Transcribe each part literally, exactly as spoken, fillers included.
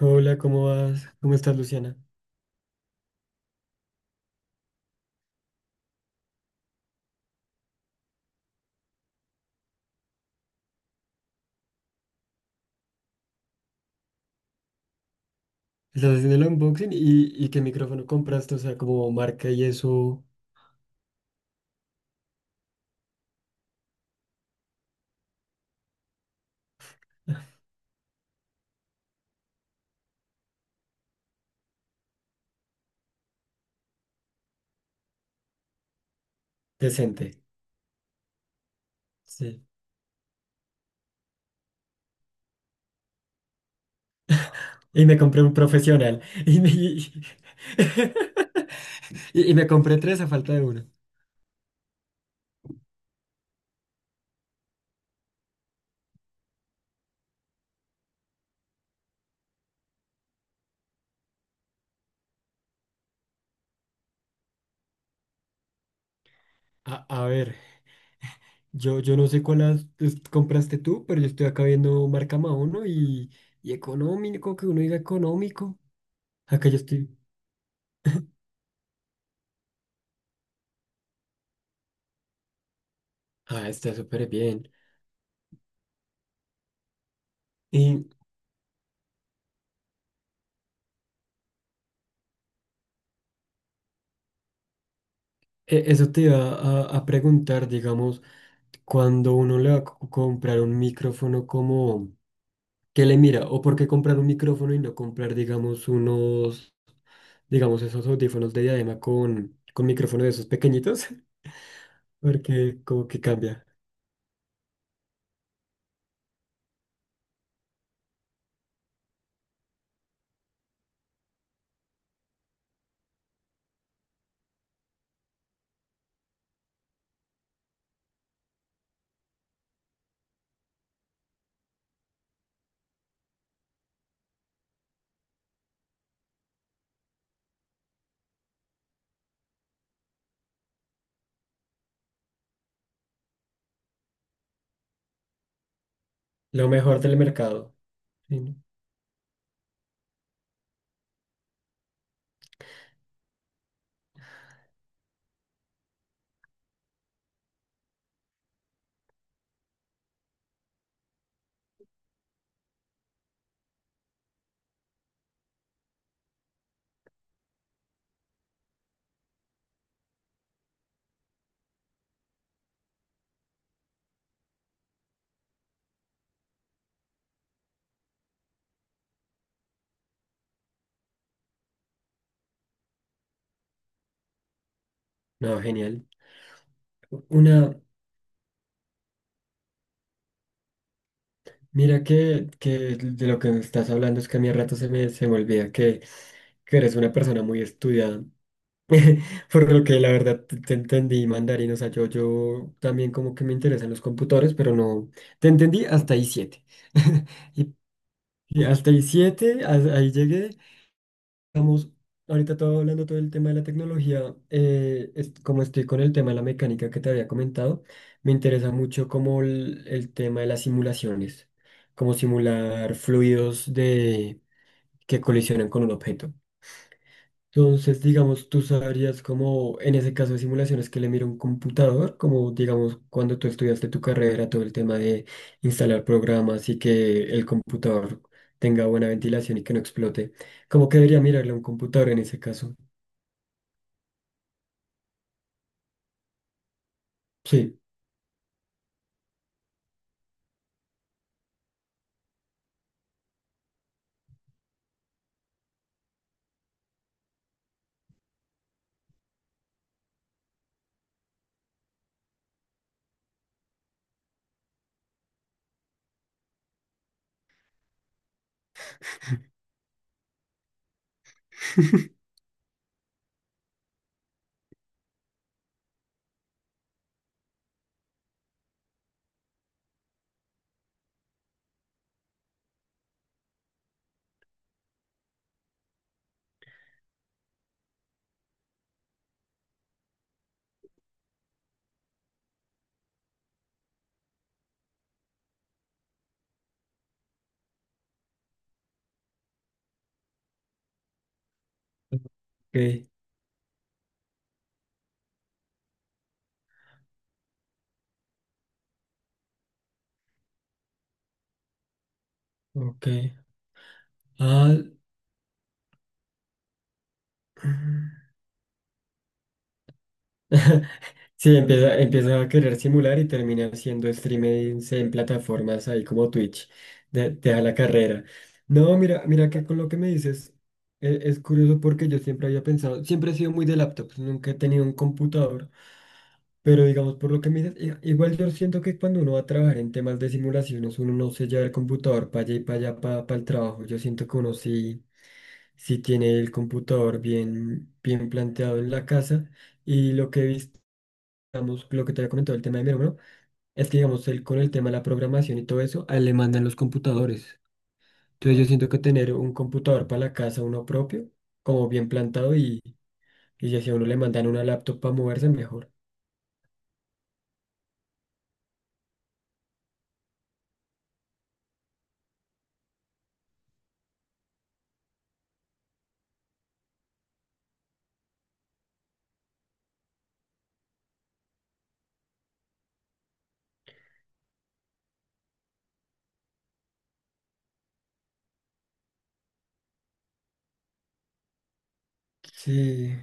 Hola, ¿cómo vas? ¿Cómo estás, Luciana? ¿Estás haciendo el unboxing y, y qué micrófono compraste? O sea, como marca y eso decente. Sí. Y me compré un profesional. Y me, y, y y me compré tres a falta de uno. A, a ver, yo, yo no sé cuál has- es- compraste tú, pero yo estoy acá viendo marca Maono y, y económico, que uno diga económico. Acá yo estoy. Ah, está súper bien. Y eh, eso te iba a, a preguntar, digamos. Cuando uno le va a co- comprar un micrófono como, ¿qué le mira? ¿O por qué comprar un micrófono y no comprar, digamos, unos, digamos, esos audífonos de diadema con, con micrófono de esos pequeñitos? Porque como que cambia. Lo mejor del mercado. Sí, ¿no? No, genial. Una, mira que, que de lo que me estás hablando es que a mí a rato se me, se me olvida que, que eres una persona muy estudiada. Por lo que la verdad te te entendí mandarín, o sea, yo, yo también como que me interesan los computadores, pero no, te entendí hasta ahí siete Y, y hasta ahí siete, ahí llegué. Vamos, ahorita todo hablando todo el tema de la tecnología, eh, es- como estoy con el tema de la mecánica que te había comentado, me interesa mucho como el, el tema de las simulaciones, como simular fluidos de, que colisionan con un objeto. Entonces, digamos, tú sabrías como en ese caso de simulaciones que le mira un computador, como digamos cuando tú estudiaste tu carrera, todo el tema de instalar programas y que el computador tenga buena ventilación y que no explote. ¿Cómo que debería mirarle a un computador en ese caso? Sí. Ok, ok. Ah, Sí, empieza, empieza a querer simular y termina haciendo streamings en plataformas ahí como Twitch. de- Deja la carrera. No, mira, mira que con lo que me dices e- es, curioso porque yo siempre había pensado, siempre he sido muy de laptops, nunca he tenido un computador, pero digamos por lo que me dices, i- igual yo siento que cuando uno va a trabajar en temas de simulaciones, uno no se lleva el computador para allá y para allá para el trabajo. Yo siento que uno sí, sí tiene el computador bien, bien planteado en la casa. Y lo que he visto digamos, lo que te había comentado, el tema de mi hermano, es que, digamos, él con el tema de la programación y todo eso, a él le mandan los computadores. Entonces yo siento que tener un computador para la casa, uno propio, como bien plantado y, y ya si a uno le mandan una laptop para moverse, mejor. Sí,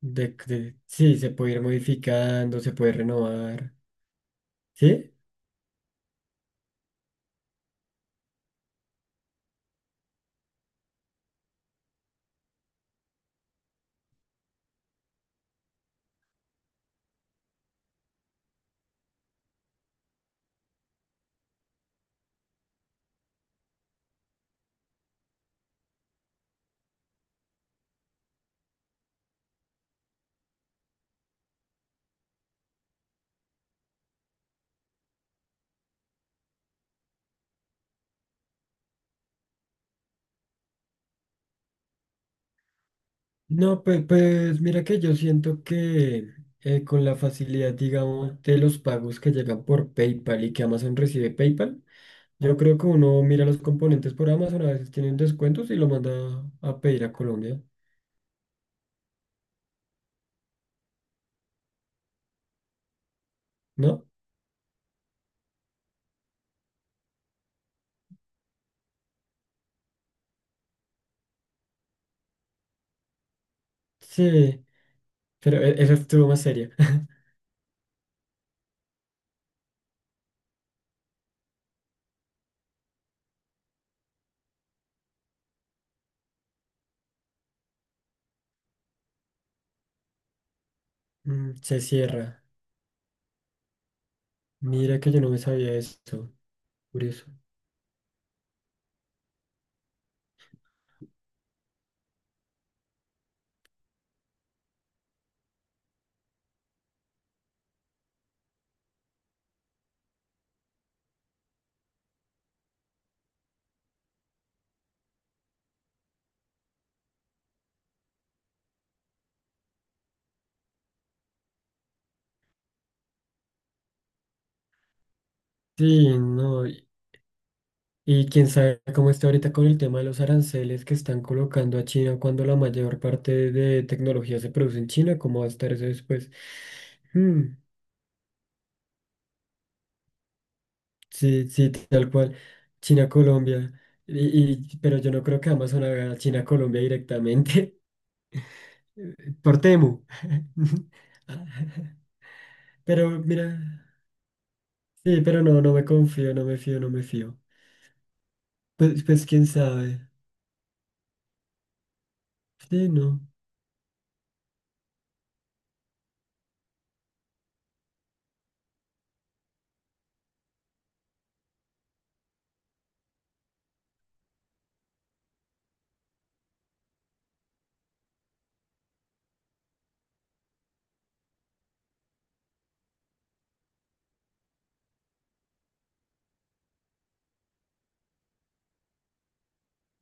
de, de- sí, se puede ir modificando, se puede renovar. ¿Sí? No, pues, pues mira que yo siento que eh, con la facilidad, digamos, de los pagos que llegan por PayPal y que Amazon recibe PayPal, yo creo que uno mira los componentes por Amazon, a veces tienen descuentos y lo manda a pedir a Colombia, ¿no? Sí, pero e- esa estuvo más seria. Mm, se cierra. Mira que yo no me sabía esto. Curioso. Sí, no. Y y quién sabe cómo está ahorita con el tema de los aranceles que están colocando a China cuando la mayor parte de tecnología se produce en China, cómo va a estar eso después. Mm, sí, sí, tal cual. China, Colombia. Y, y- pero yo no creo que Amazon haga China, Colombia directamente por Temu. Pero mira, sí, pero no, no me confío, no me fío, no me fío. Pues, pues quién sabe. Sí, no.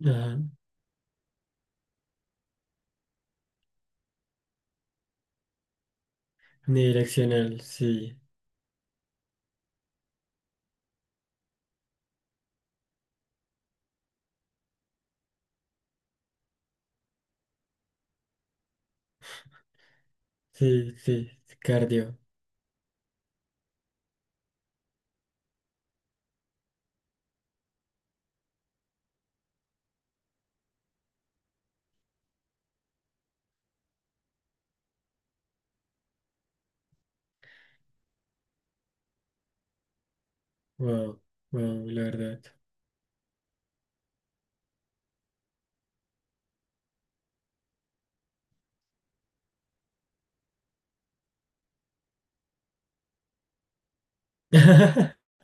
Ajá. Unidireccional, sí, sí, sí. Cardio. Wow, wow, la verdad.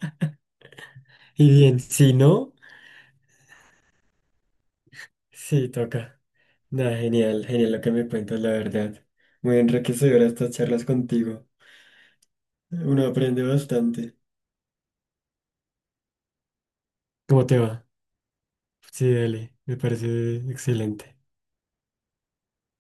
Y bien, si no. Sí, toca. Nada, genial, genial lo que me cuentas, la verdad. Muy enriquecedora estas charlas contigo. Uno aprende bastante. ¿Cómo te va? Sí, dale, me parece excelente.